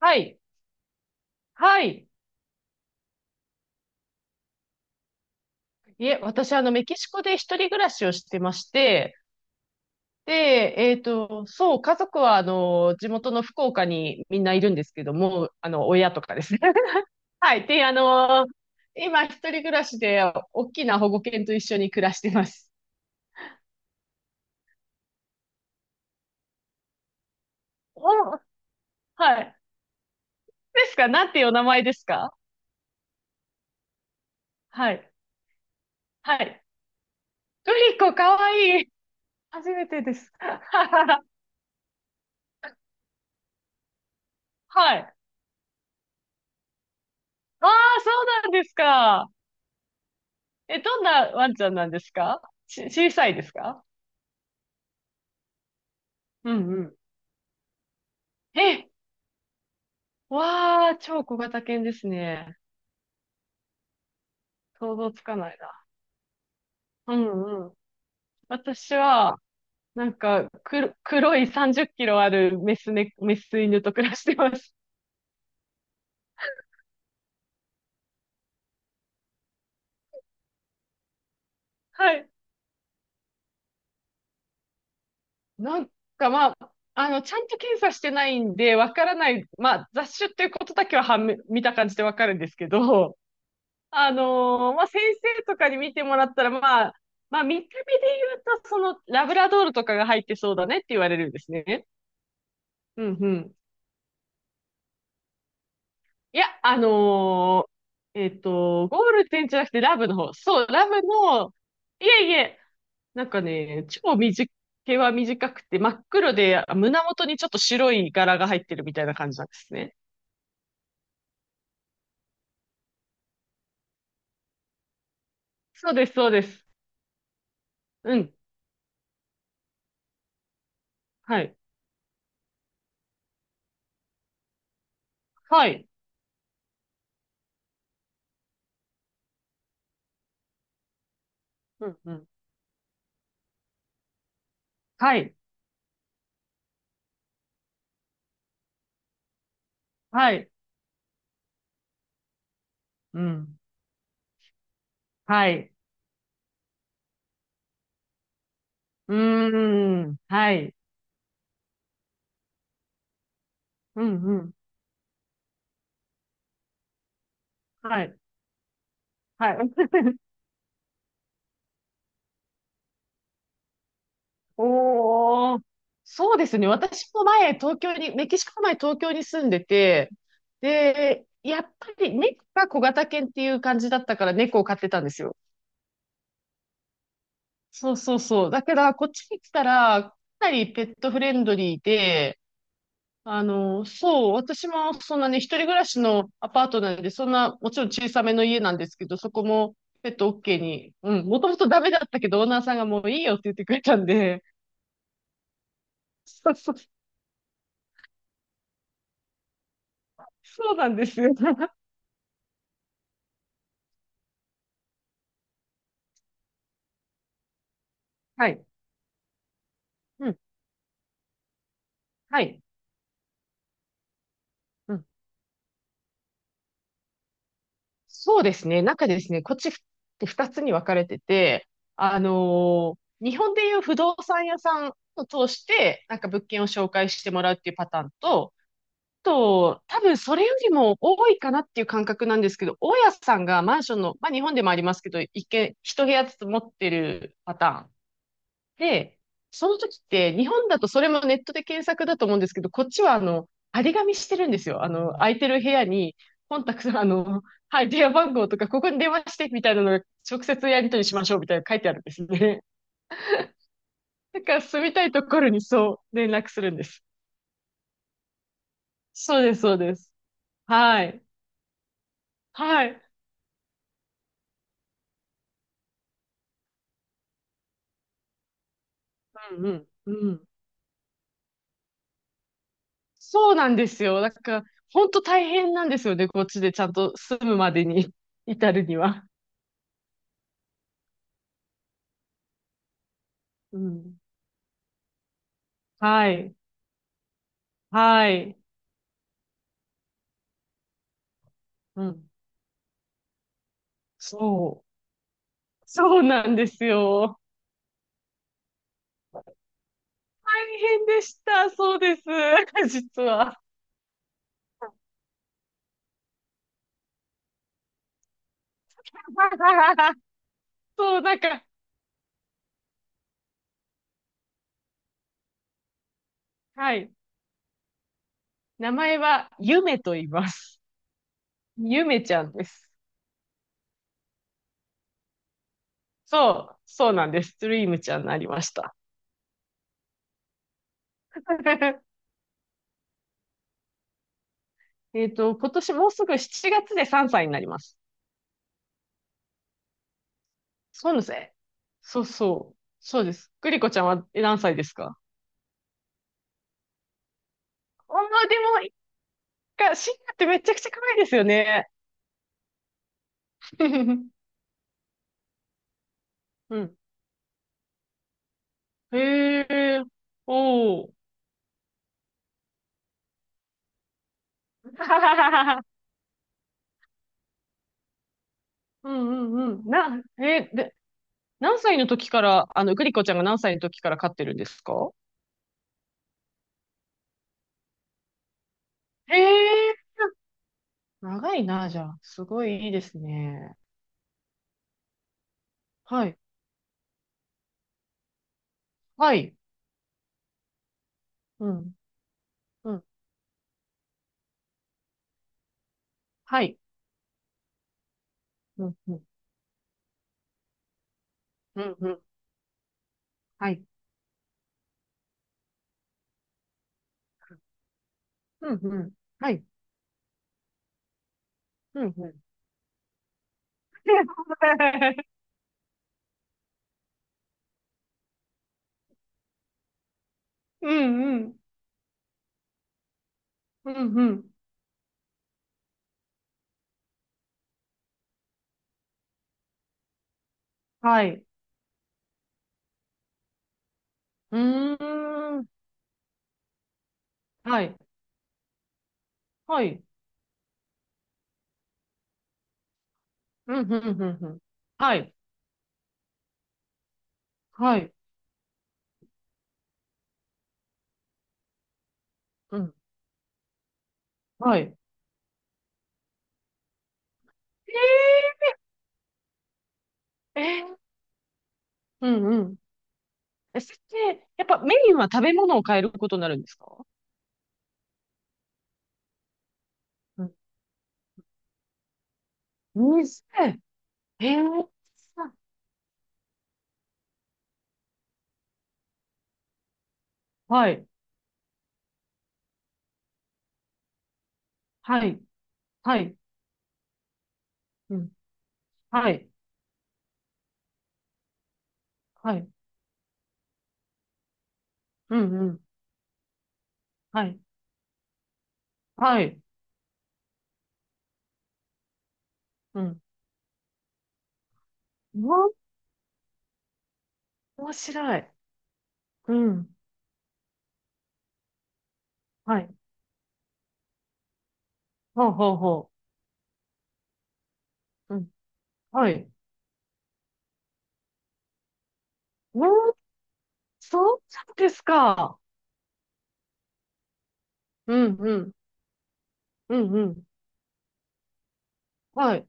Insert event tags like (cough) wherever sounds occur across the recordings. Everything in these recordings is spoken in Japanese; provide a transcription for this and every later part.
はい。はい。いえ、私、メキシコで一人暮らしをしてまして、で、そう、家族は、地元の福岡にみんないるんですけども、親とかですね。(laughs) はい。で、今、一人暮らしで、大きな保護犬と一緒に暮らしてます。お、はい。ですか、なんていうお名前ですか？はい。はい。グリコ、かわいい。初めてです。(laughs) はい。ああ、そうなんですか。え、どんなワンちゃんなんですか？小さいですか？うんうん。え、わあ、超小型犬ですね。想像つかないな。うんうん。私は、なんか、黒い30キロあるメスね、メス犬と暮らしてます。はい。なんか、まあ、ちゃんと検査してないんで、わからない。まあ、雑種っていうことだけは判明、見た感じでわかるんですけど、まあ、先生とかに見てもらったら、まあ、まあ、見た目で言うと、その、ラブラドールとかが入ってそうだねって言われるんですね。うんうん。いや、ゴールデンじゃなくてラブの方。そう、ラブの、いえいえ、なんかね、毛は短くて、真っ黒で、胸元にちょっと白い柄が入ってるみたいな感じなんですね。そうです、そうです。うん。はい。はい。うんうん。はい。はい。うん。はい。うーん。はい。うんうん。はい。はい。(laughs) おー。そうですね。私も前、東京に、メキシコの前、東京に住んでて、で、やっぱり猫が小型犬っていう感じだったから猫を飼ってたんですよ。そうそうそう。だから、こっちに来たら、かなりペットフレンドリーで、そう、私もそんなね、一人暮らしのアパートなんで、そんな、もちろん小さめの家なんですけど、そこもペット OK に、うん、もともとダメだったけど、オーナーさんがもういいよって言ってくれたんで、(laughs) そうそう、そうなんですよ。(laughs) はい。うん、はい。うん。そうですね、中ですね、こっちって二つに分かれてて、あのー日本でいう不動産屋さんを通して、なんか物件を紹介してもらうっていうパターンと、と、多分それよりも多いかなっていう感覚なんですけど、大家さんがマンションの、まあ日本でもありますけど、一軒、一部屋ずつ持ってるパターン。で、その時って、日本だとそれもネットで検索だと思うんですけど、こっちは張り紙してるんですよ。空いてる部屋に、コンタクト、はい、電話番号とか、ここに電話して、みたいなのが、直接やり取りしましょう、みたいなの書いてあるんですね。(laughs) だから住みたいところにそう、連絡するんです。そうです、そうです。はい。はい。うんうん。うん。そうなんですよ。だから、本当大変なんですよね。こっちでちゃんと住むまでに (laughs) 至るには。うん。はい。はい。うん。そう。そうなんですよ。大変でした。そうです。(laughs) 実は。(laughs) そう、なんか、はい。名前は、ゆめと言います。ゆめちゃんです。そう、そうなんです。ドリームちゃんになりました。(laughs) 今年もうすぐ7月で3歳になります。そうなんですね。そうそう。そうです。グリコちゃんは、え、何歳ですか？ああ、でも、一回か、シンガってめちゃくちゃ可愛いですよね。(laughs) うん。へえ、おお。(laughs) うんうんうん。な、えーで、何歳の時から、グリコちゃんが何歳の時から飼ってるんですか？へえ、長いな、じゃあ。すごいいいですね。はい。はい。うん。うん。はい。うんうん。うんうん。はい。うんうん。はい。うんうん。(laughs) うんうん。うんうん。はい。うーん。はい。はい。うん、うん、うん、うん。はい。はい。うん。はい。えー、えー、うんうん。え、それって、やっぱメインは食べ物を変えることになるんですか？うん。店。えー、はい。はい。はい。うん。はい。はい。うんうん。はい。はい。うん。うわ、面白い。うん。はい。ほうほうほう。うん。はい。おー、そうそうですか。うんうん。うんうん。はい。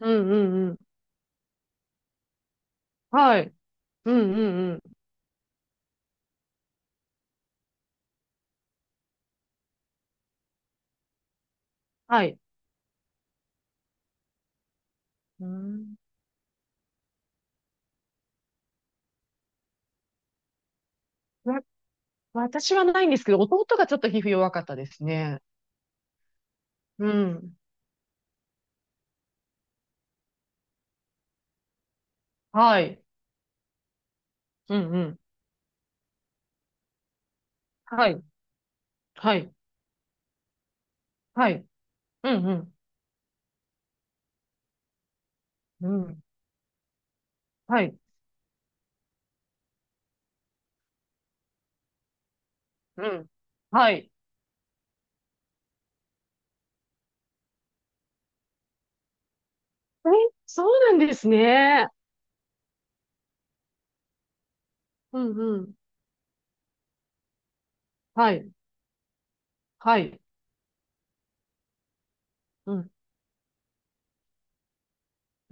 うんうんうん。はい。うんうんうん。はい。うん。わ私はないんですけど、弟がちょっと皮膚弱かったですね。うん。はい。うんうん。はい。はい。はい。うんうん。うん。はい。うん。はい。え、そうなんですね。うんうん。はい。はい。うん。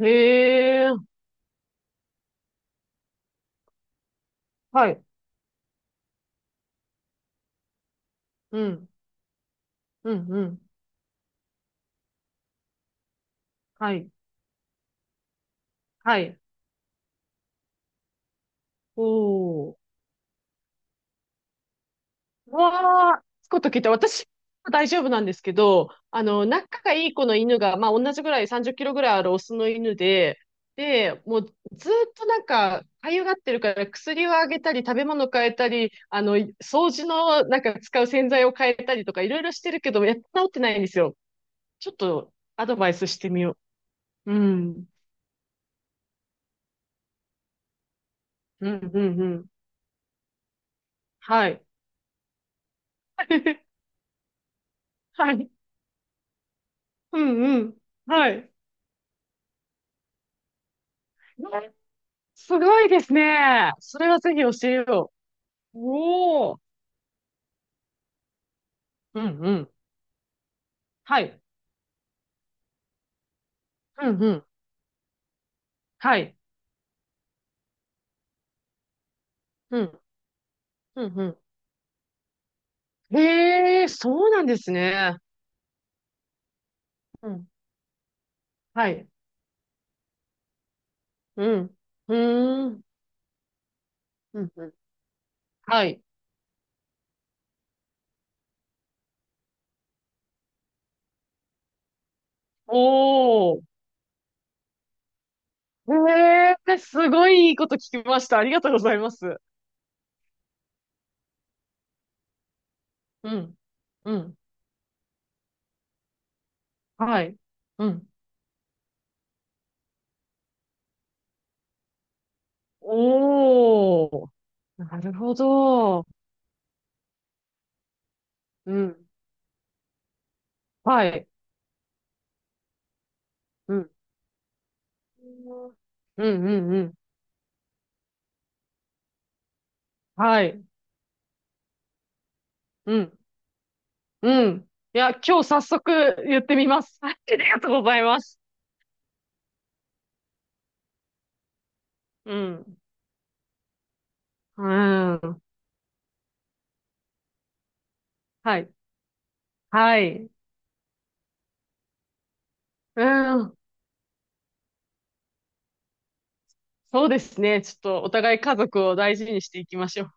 へえ。はい。うん。うんうん。はい。はい。おお。うわあ、つくこと聞いた。私は大丈夫なんですけど、仲がいい子の犬が、まあ、同じぐらい30キロぐらいあるオスの犬で、で、もうずっとなんか、かゆがってるから薬をあげたり、食べ物変えたり、掃除のなんか使う洗剤を変えたりとか、いろいろしてるけど、やっと治ってないんですよ。ちょっとアドバイスしてみよう。うん。うん、うん、うん。はい。(laughs) はい。うん、うん。はい。すごいですね。それはぜひ教えよう。おお。うんうん。はい。うんうん。はい。うん。うんうん。へえ、そうなんですね。うん。はい。うん。うーん。うんうん。はい。おお。へえ、すごいいいこと聞きました。ありがとうございます。うん。うん。はい。うん。おお。なるほど。うん。はい。うん。うんうんうん。はい。うん。うん。いや、今日早速言ってみます。はい、ありがとうございます。うん。うん。はい。はい。うん。そうですね。ちょっとお互い家族を大事にしていきましょう。